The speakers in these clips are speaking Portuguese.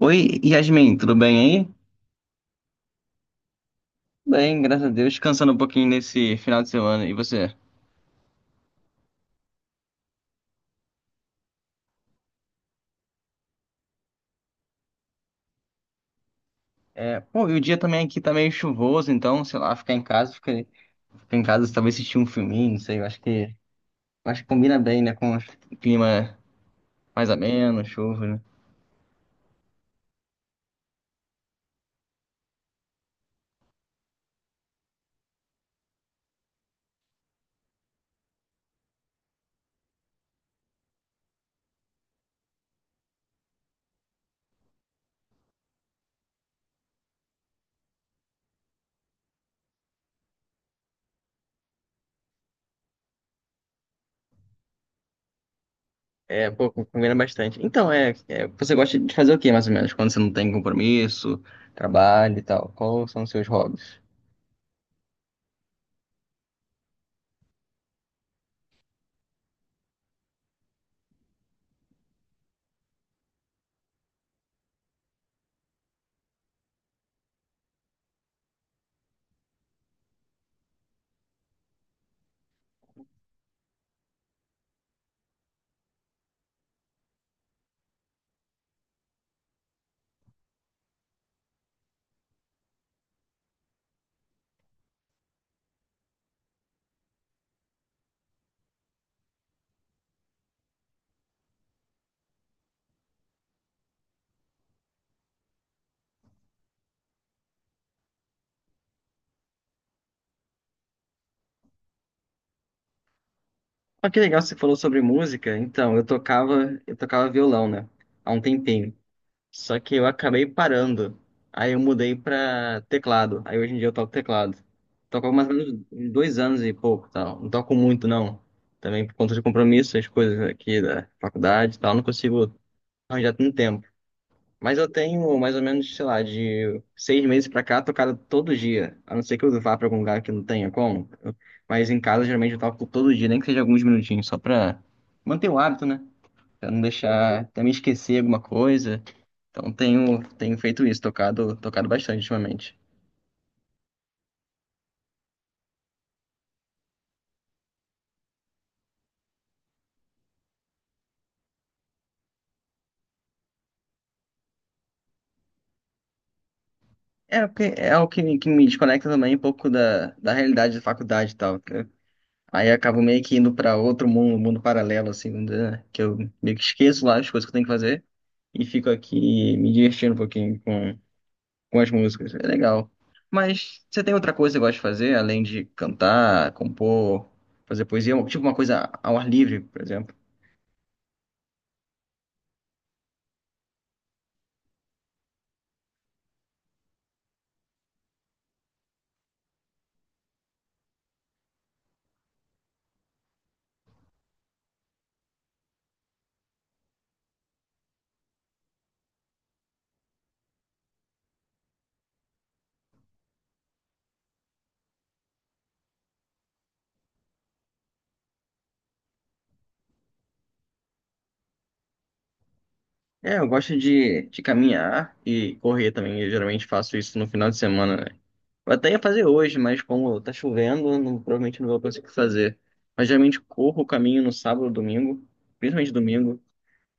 Oi, Yasmin, tudo bem aí? Bem, graças a Deus, descansando um pouquinho nesse final de semana. E você? É, pô, e o dia também aqui tá meio chuvoso, então, sei lá, ficar em casa, talvez assistir um filminho, não sei, eu acho que combina bem, né, com o clima mais ameno, chuva, né? É, pô, combina bastante. Então, você gosta de fazer o quê, mais ou menos, quando você não tem compromisso, trabalho e tal? Quais são os seus hobbies? Ah, que legal, você falou sobre música. Então, eu tocava violão, né? Há um tempinho. Só que eu acabei parando. Aí eu mudei pra teclado. Aí hoje em dia eu toco teclado. Toco mais ou menos uns 2 anos e pouco, tal. Não toco muito, não. Também por conta de compromisso, as coisas aqui da faculdade e tal, não consigo arranjar tanto tempo. Mas eu tenho mais ou menos, sei lá, de 6 meses pra cá, tocado todo dia. A não ser que eu vá pra algum lugar que não tenha como. Mas em casa, geralmente, eu toco todo dia, nem que seja alguns minutinhos, só pra manter o hábito, né? Pra não deixar, também esquecer alguma coisa. Então tenho, tenho feito isso, tocado, tocado bastante ultimamente. É, porque é o que, que me desconecta também um pouco da, da realidade da faculdade e tal. Aí eu acabo meio que indo para outro mundo, um mundo paralelo, assim, né, que eu meio que esqueço lá as coisas que eu tenho que fazer e fico aqui me divertindo um pouquinho com as músicas. É legal. Mas você tem outra coisa que gosta de fazer, além de cantar, compor, fazer poesia, tipo uma coisa ao ar livre, por exemplo? É, eu gosto de caminhar e correr também. Eu geralmente faço isso no final de semana, né? Eu até ia fazer hoje, mas como tá chovendo, provavelmente não vou conseguir fazer. Mas geralmente corro o caminho no sábado, domingo, principalmente domingo,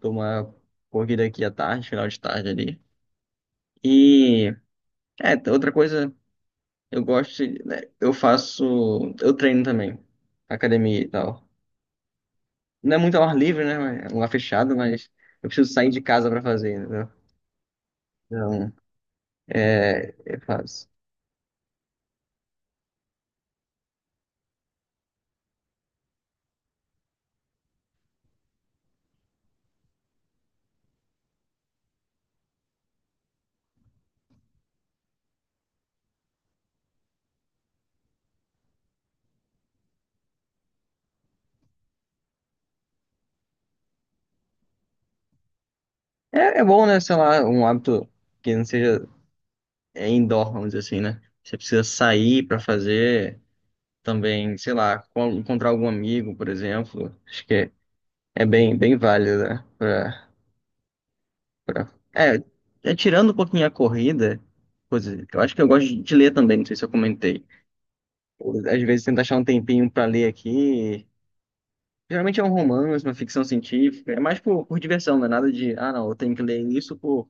dou uma corrida aqui à tarde, final de tarde ali. E outra coisa, eu gosto, né, eu faço, eu treino também, academia e tal. Não é muito ao ar livre, né? É um ar fechado, mas eu preciso sair de casa pra fazer, entendeu? Então, é, eu faço. É, é bom, né? Sei lá, um hábito que não seja é indoor, vamos dizer assim, né? Você precisa sair pra fazer também, sei lá, encontrar algum amigo, por exemplo. Acho que é, é bem, bem válido, né? Pra, pra... É, tirando um pouquinho a corrida, coisa, eu acho que eu gosto de ler também, não sei se eu comentei. Às vezes tento achar um tempinho pra ler aqui. Geralmente é um romance, uma ficção científica. É mais por diversão, não é nada de, ah, não, eu tenho que ler isso por.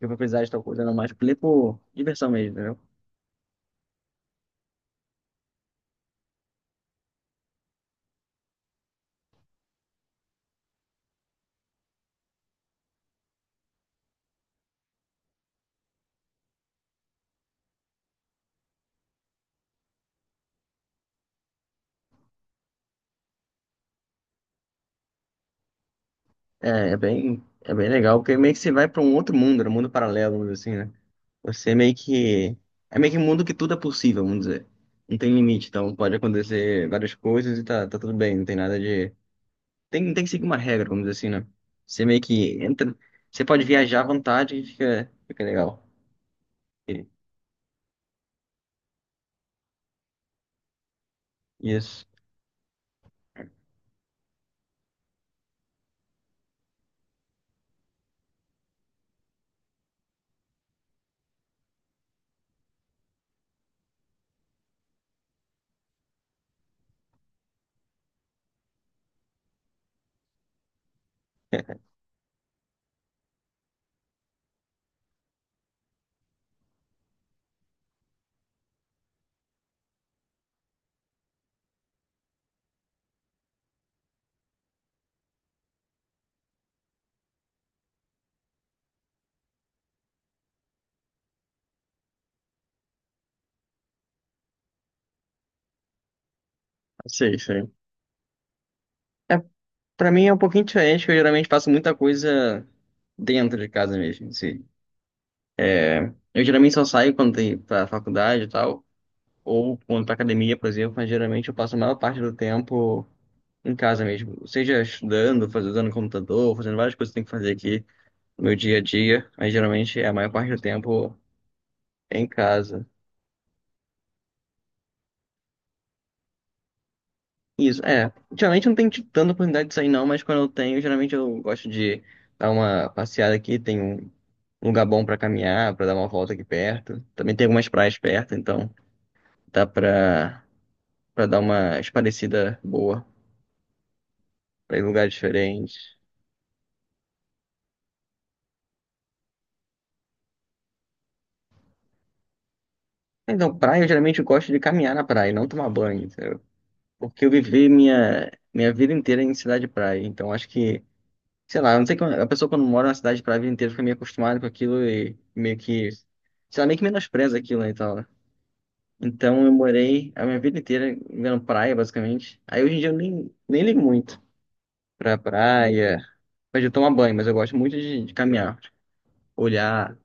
Eu vou precisar de tal coisa, não, mais por ler por diversão mesmo, né? É bem legal, porque meio que você vai para um outro mundo, né, um mundo paralelo, vamos dizer assim, né? Você meio que. É meio que um mundo que tudo é possível, vamos dizer. Não tem limite, então pode acontecer várias coisas e tá, tá tudo bem, não tem nada de. Tem, não tem que seguir uma regra, vamos dizer assim, né? Você meio que entra. Você pode viajar à vontade e fica, fica legal. E- Isso. Sei, sei. É, pra mim é um pouquinho diferente, porque eu geralmente faço muita coisa dentro de casa mesmo, assim. Eu geralmente só saio quando tem pra faculdade e tal. Ou quando para academia, por exemplo, mas geralmente eu passo a maior parte do tempo em casa mesmo, seja estudando, fazendo usando computador, fazendo várias coisas que eu tenho que fazer aqui no meu dia a dia, mas geralmente é a maior parte do tempo em casa. Isso, é. Geralmente eu não tenho tido tanta oportunidade de sair não, mas quando eu tenho, geralmente eu gosto de dar uma passeada aqui, tem um lugar bom para caminhar, para dar uma volta aqui perto. Também tem algumas praias perto, então dá para dar uma esparecida boa, para ir em lugares diferentes. Então, praia, eu geralmente gosto de caminhar na praia, não tomar banho, entendeu? Porque eu vivi minha vida inteira em cidade de praia. Então, acho que, sei lá, eu não sei como a pessoa quando mora na cidade de praia a vida inteira fica meio acostumada com aquilo e meio que, sei lá, meio que menospreza aquilo né, e tal. Né? Então, eu morei a minha vida inteira vendo praia, basicamente. Aí, hoje em dia, eu nem ligo muito pra praia, mas de tomar banho, mas eu gosto muito de caminhar, olhar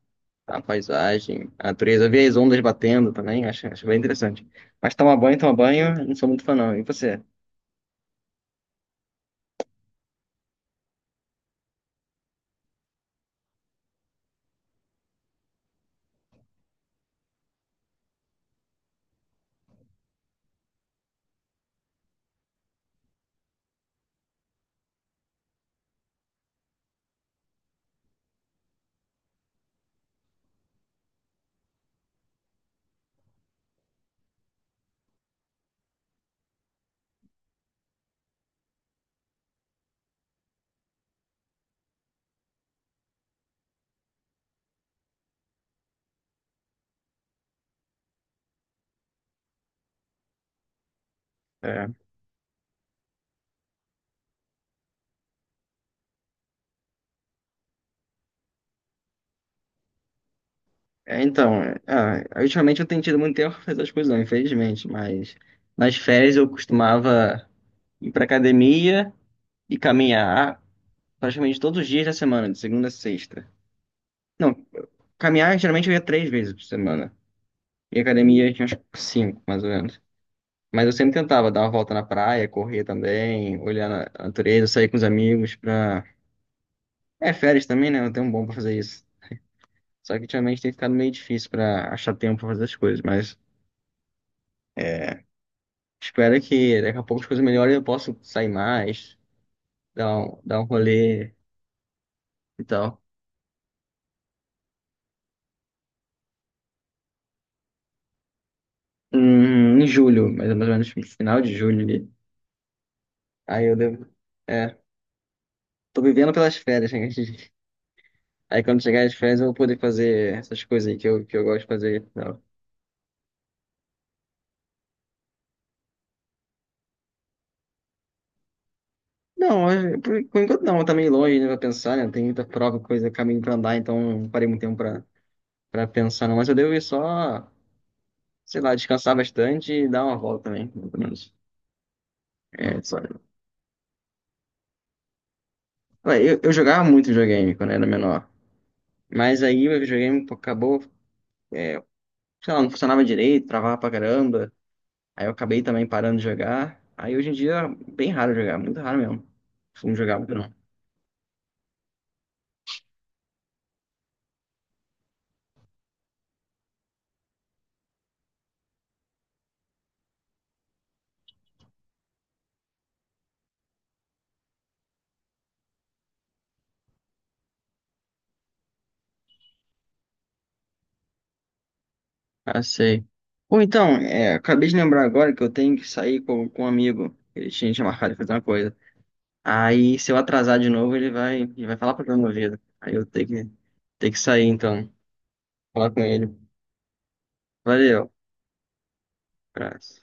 a paisagem, a natureza. Eu vi as ondas batendo também, acho bem interessante. Mas tomar banho, não sou muito fã não. E você? É, então, ah, ultimamente eu tenho tido muito tempo para fazer as coisas não, infelizmente. Mas nas férias eu costumava ir para academia e caminhar praticamente todos os dias da semana, de segunda a sexta. Não, caminhar geralmente eu ia três vezes por semana. E academia eu tinha uns cinco, mais ou menos. Mas eu sempre tentava dar uma volta na praia, correr também, olhar na a natureza, sair com os amigos para. É, férias também, né? Não tem um bom pra fazer isso. Só que ultimamente tem ficado meio difícil pra achar tempo pra fazer as coisas, mas é, espero que daqui a pouco as coisas melhorem e eu possa sair mais, dar um rolê e tal. Em julho, mais ou menos no final de julho ali. Aí eu devo. É, tô vivendo pelas férias, né? Aí quando chegar as férias eu vou poder fazer essas coisas aí que eu gosto de fazer. E tal. Não, por enquanto não, tá meio longe, né? Pra pensar, né? Tem muita prova, coisa, caminho pra andar, então não parei muito tempo pra pensar, não. Mas eu devo ir só, sei lá, descansar bastante e dar uma volta também, pelo menos. É, só... Ué, eu jogava muito videogame quando era menor. Mas aí o videogame pô, acabou, é, sei lá, não funcionava direito, travava pra caramba. Aí eu acabei também parando de jogar. Aí hoje em dia é bem raro jogar, muito raro mesmo. Não jogar muito não. Ah, sei. Ou então, é, acabei de lembrar agora que eu tenho que sair com um amigo. Ele tinha marcado de fazer uma coisa. Aí, se eu atrasar de novo, ele vai falar pra minha vida. Aí eu tenho que sair, então. Falar com ele. Valeu. Abraço.